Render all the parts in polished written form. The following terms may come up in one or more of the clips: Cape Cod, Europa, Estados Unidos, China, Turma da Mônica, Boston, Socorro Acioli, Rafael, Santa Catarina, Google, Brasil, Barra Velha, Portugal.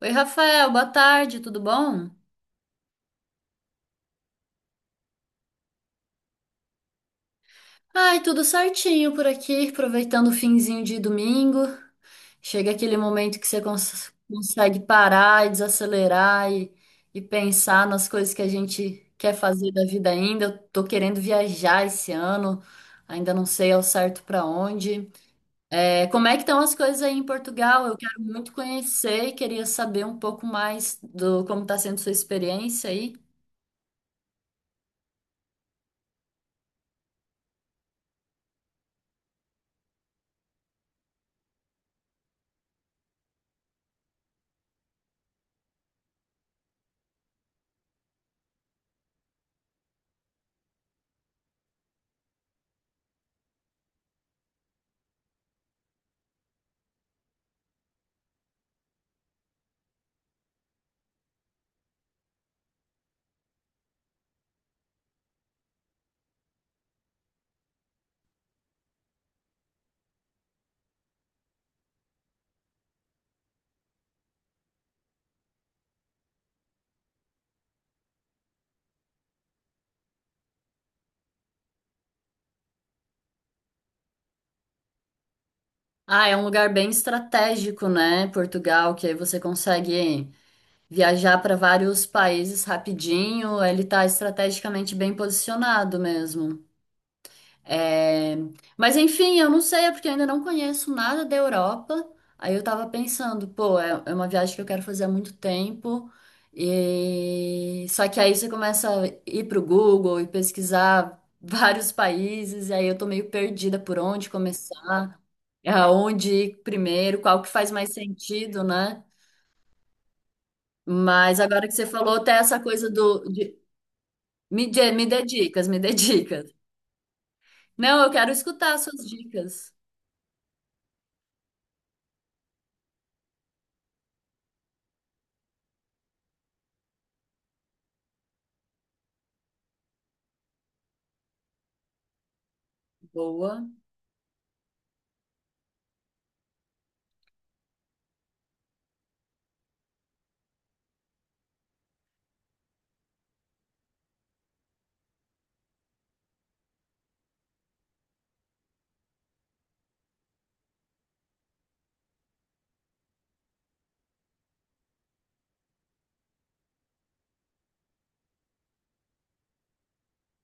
Oi, Rafael, boa tarde, tudo bom? Ai, tudo certinho por aqui, aproveitando o finzinho de domingo. Chega aquele momento que você consegue parar e desacelerar e pensar nas coisas que a gente quer fazer da vida ainda. Eu tô querendo viajar esse ano, ainda não sei ao certo para onde. É, como é que estão as coisas aí em Portugal? Eu quero muito conhecer e queria saber um pouco mais do como está sendo sua experiência aí. Ah, é um lugar bem estratégico, né? Portugal, que aí você consegue viajar para vários países rapidinho. Ele tá estrategicamente bem posicionado mesmo. É, mas enfim, eu não sei, é porque eu ainda não conheço nada da Europa. Aí eu tava pensando, pô, é uma viagem que eu quero fazer há muito tempo. E só que aí você começa a ir pro Google e pesquisar vários países, e aí eu tô meio perdida por onde começar, aonde ir primeiro, qual que faz mais sentido, né? Mas agora que você falou, até essa coisa do de- me dê dicas, me dê dicas. Não, eu quero escutar suas dicas. Boa.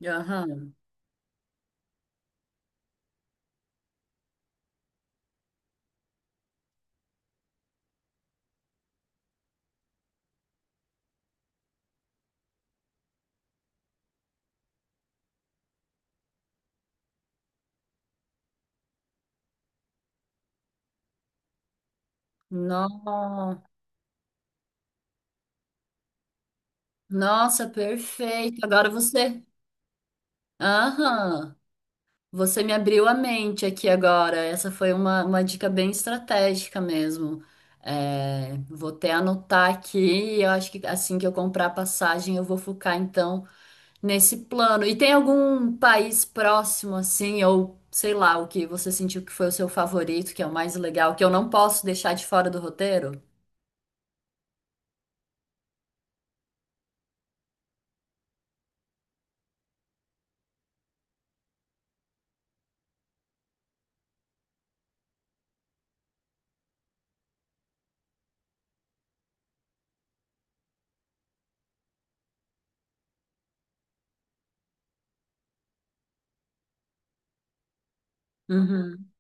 Aham. No- nossa, perfeito. Agora você. Aham. Você me abriu a mente aqui agora. Essa foi uma dica bem estratégica mesmo. É, vou até anotar aqui. Eu acho que assim que eu comprar a passagem, eu vou focar então nesse plano. E tem algum país próximo assim, ou sei lá, o que você sentiu que foi o seu favorito, que é o mais legal, que eu não posso deixar de fora do roteiro? Uhum.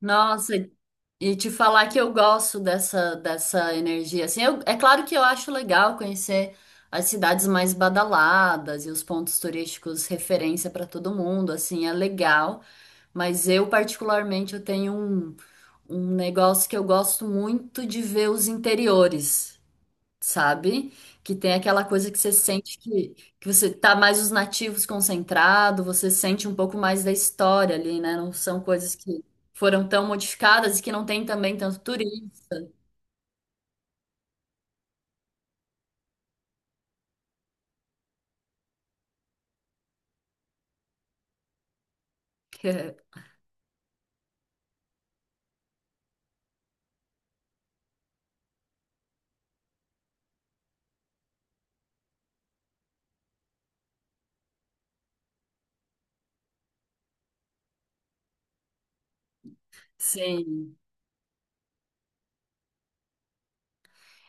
Nossa, e te falar que eu gosto dessa energia. Assim, é claro que eu acho legal conhecer as cidades mais badaladas e os pontos turísticos referência para todo mundo. Assim, é legal. Mas eu, particularmente, um negócio que eu gosto muito de ver os interiores, sabe? Que tem aquela coisa que você sente que você tá mais os nativos concentrado, você sente um pouco mais da história ali, né? Não são coisas que foram tão modificadas e que não tem também tanto turismo. Sim.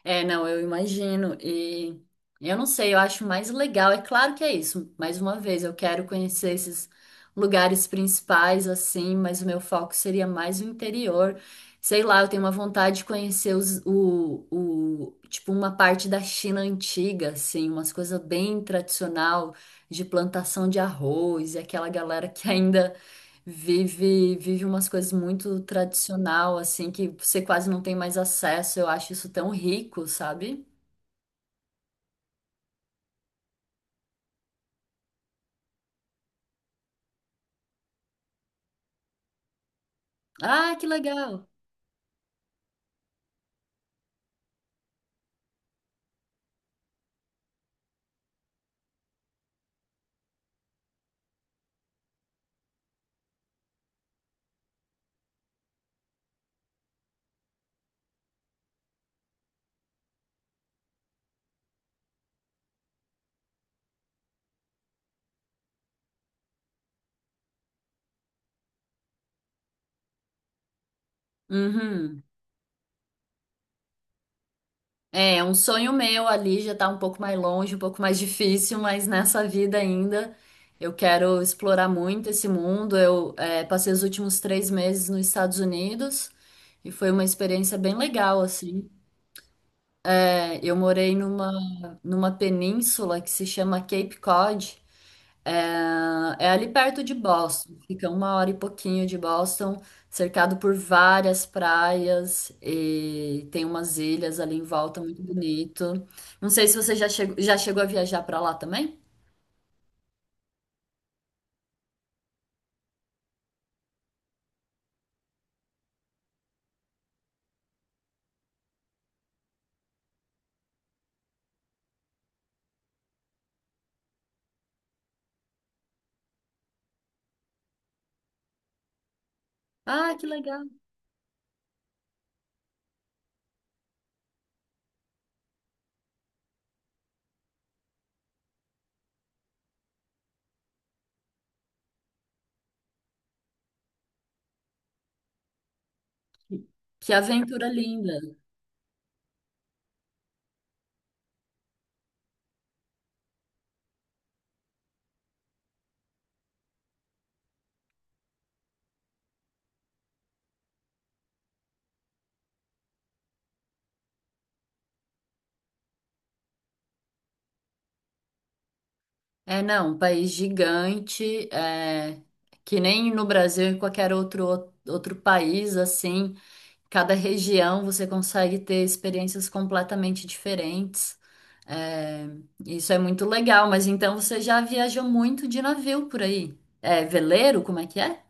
É, não, eu imagino. E eu não sei, eu acho mais legal. É claro que é isso. Mais uma vez, eu quero conhecer esses lugares principais, assim, mas o meu foco seria mais o interior. Sei lá, eu tenho uma vontade de conhecer tipo, uma parte da China antiga, assim, umas coisas bem tradicional de plantação de arroz, e aquela galera que ainda vive umas coisas muito tradicional, assim, que você quase não tem mais acesso. Eu acho isso tão rico, sabe? Ah, que legal! Uhum. É, é um sonho meu, ali já tá um pouco mais longe, um pouco mais difícil, mas nessa vida ainda eu quero explorar muito esse mundo. Eu, é, passei os últimos 3 meses nos Estados Unidos e foi uma experiência bem legal, assim. É, numa península que se chama Cape Cod. É ali perto de Boston, fica uma hora e pouquinho de Boston, cercado por várias praias e tem umas ilhas ali em volta muito bonito. Não sei se você já chegou a viajar para lá também? Ah, que legal! Que aventura linda! É, não, um país gigante, é, que nem no Brasil, em qualquer outro país, assim, cada região você consegue ter experiências completamente diferentes. É, isso é muito legal, mas então você já viajou muito de navio por aí? É veleiro, como é que é?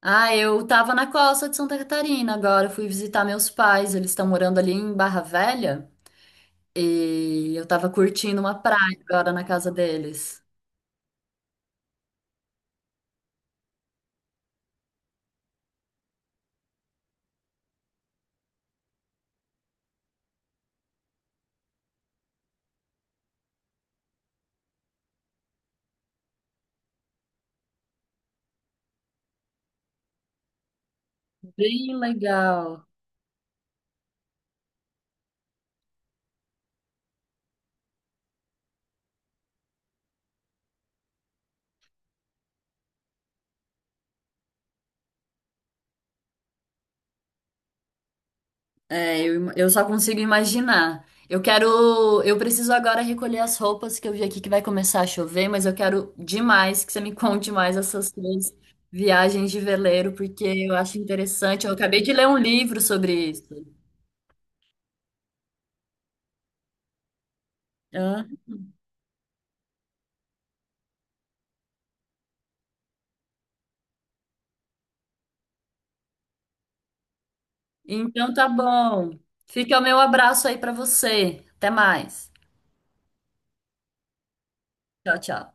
Ah, eu tava na costa de Santa Catarina agora, fui visitar meus pais, eles estão morando ali em Barra Velha e eu tava curtindo uma praia agora na casa deles. Bem legal. É, eu só consigo imaginar. Eu quero. Eu preciso agora recolher as roupas que eu vi aqui que vai começar a chover, mas eu quero demais que você me conte mais essas suas viagens de veleiro, porque eu acho interessante. Eu acabei de ler um livro sobre isso. Hã? Então tá bom. Fica o meu abraço aí pra você. Até mais. Tchau, tchau.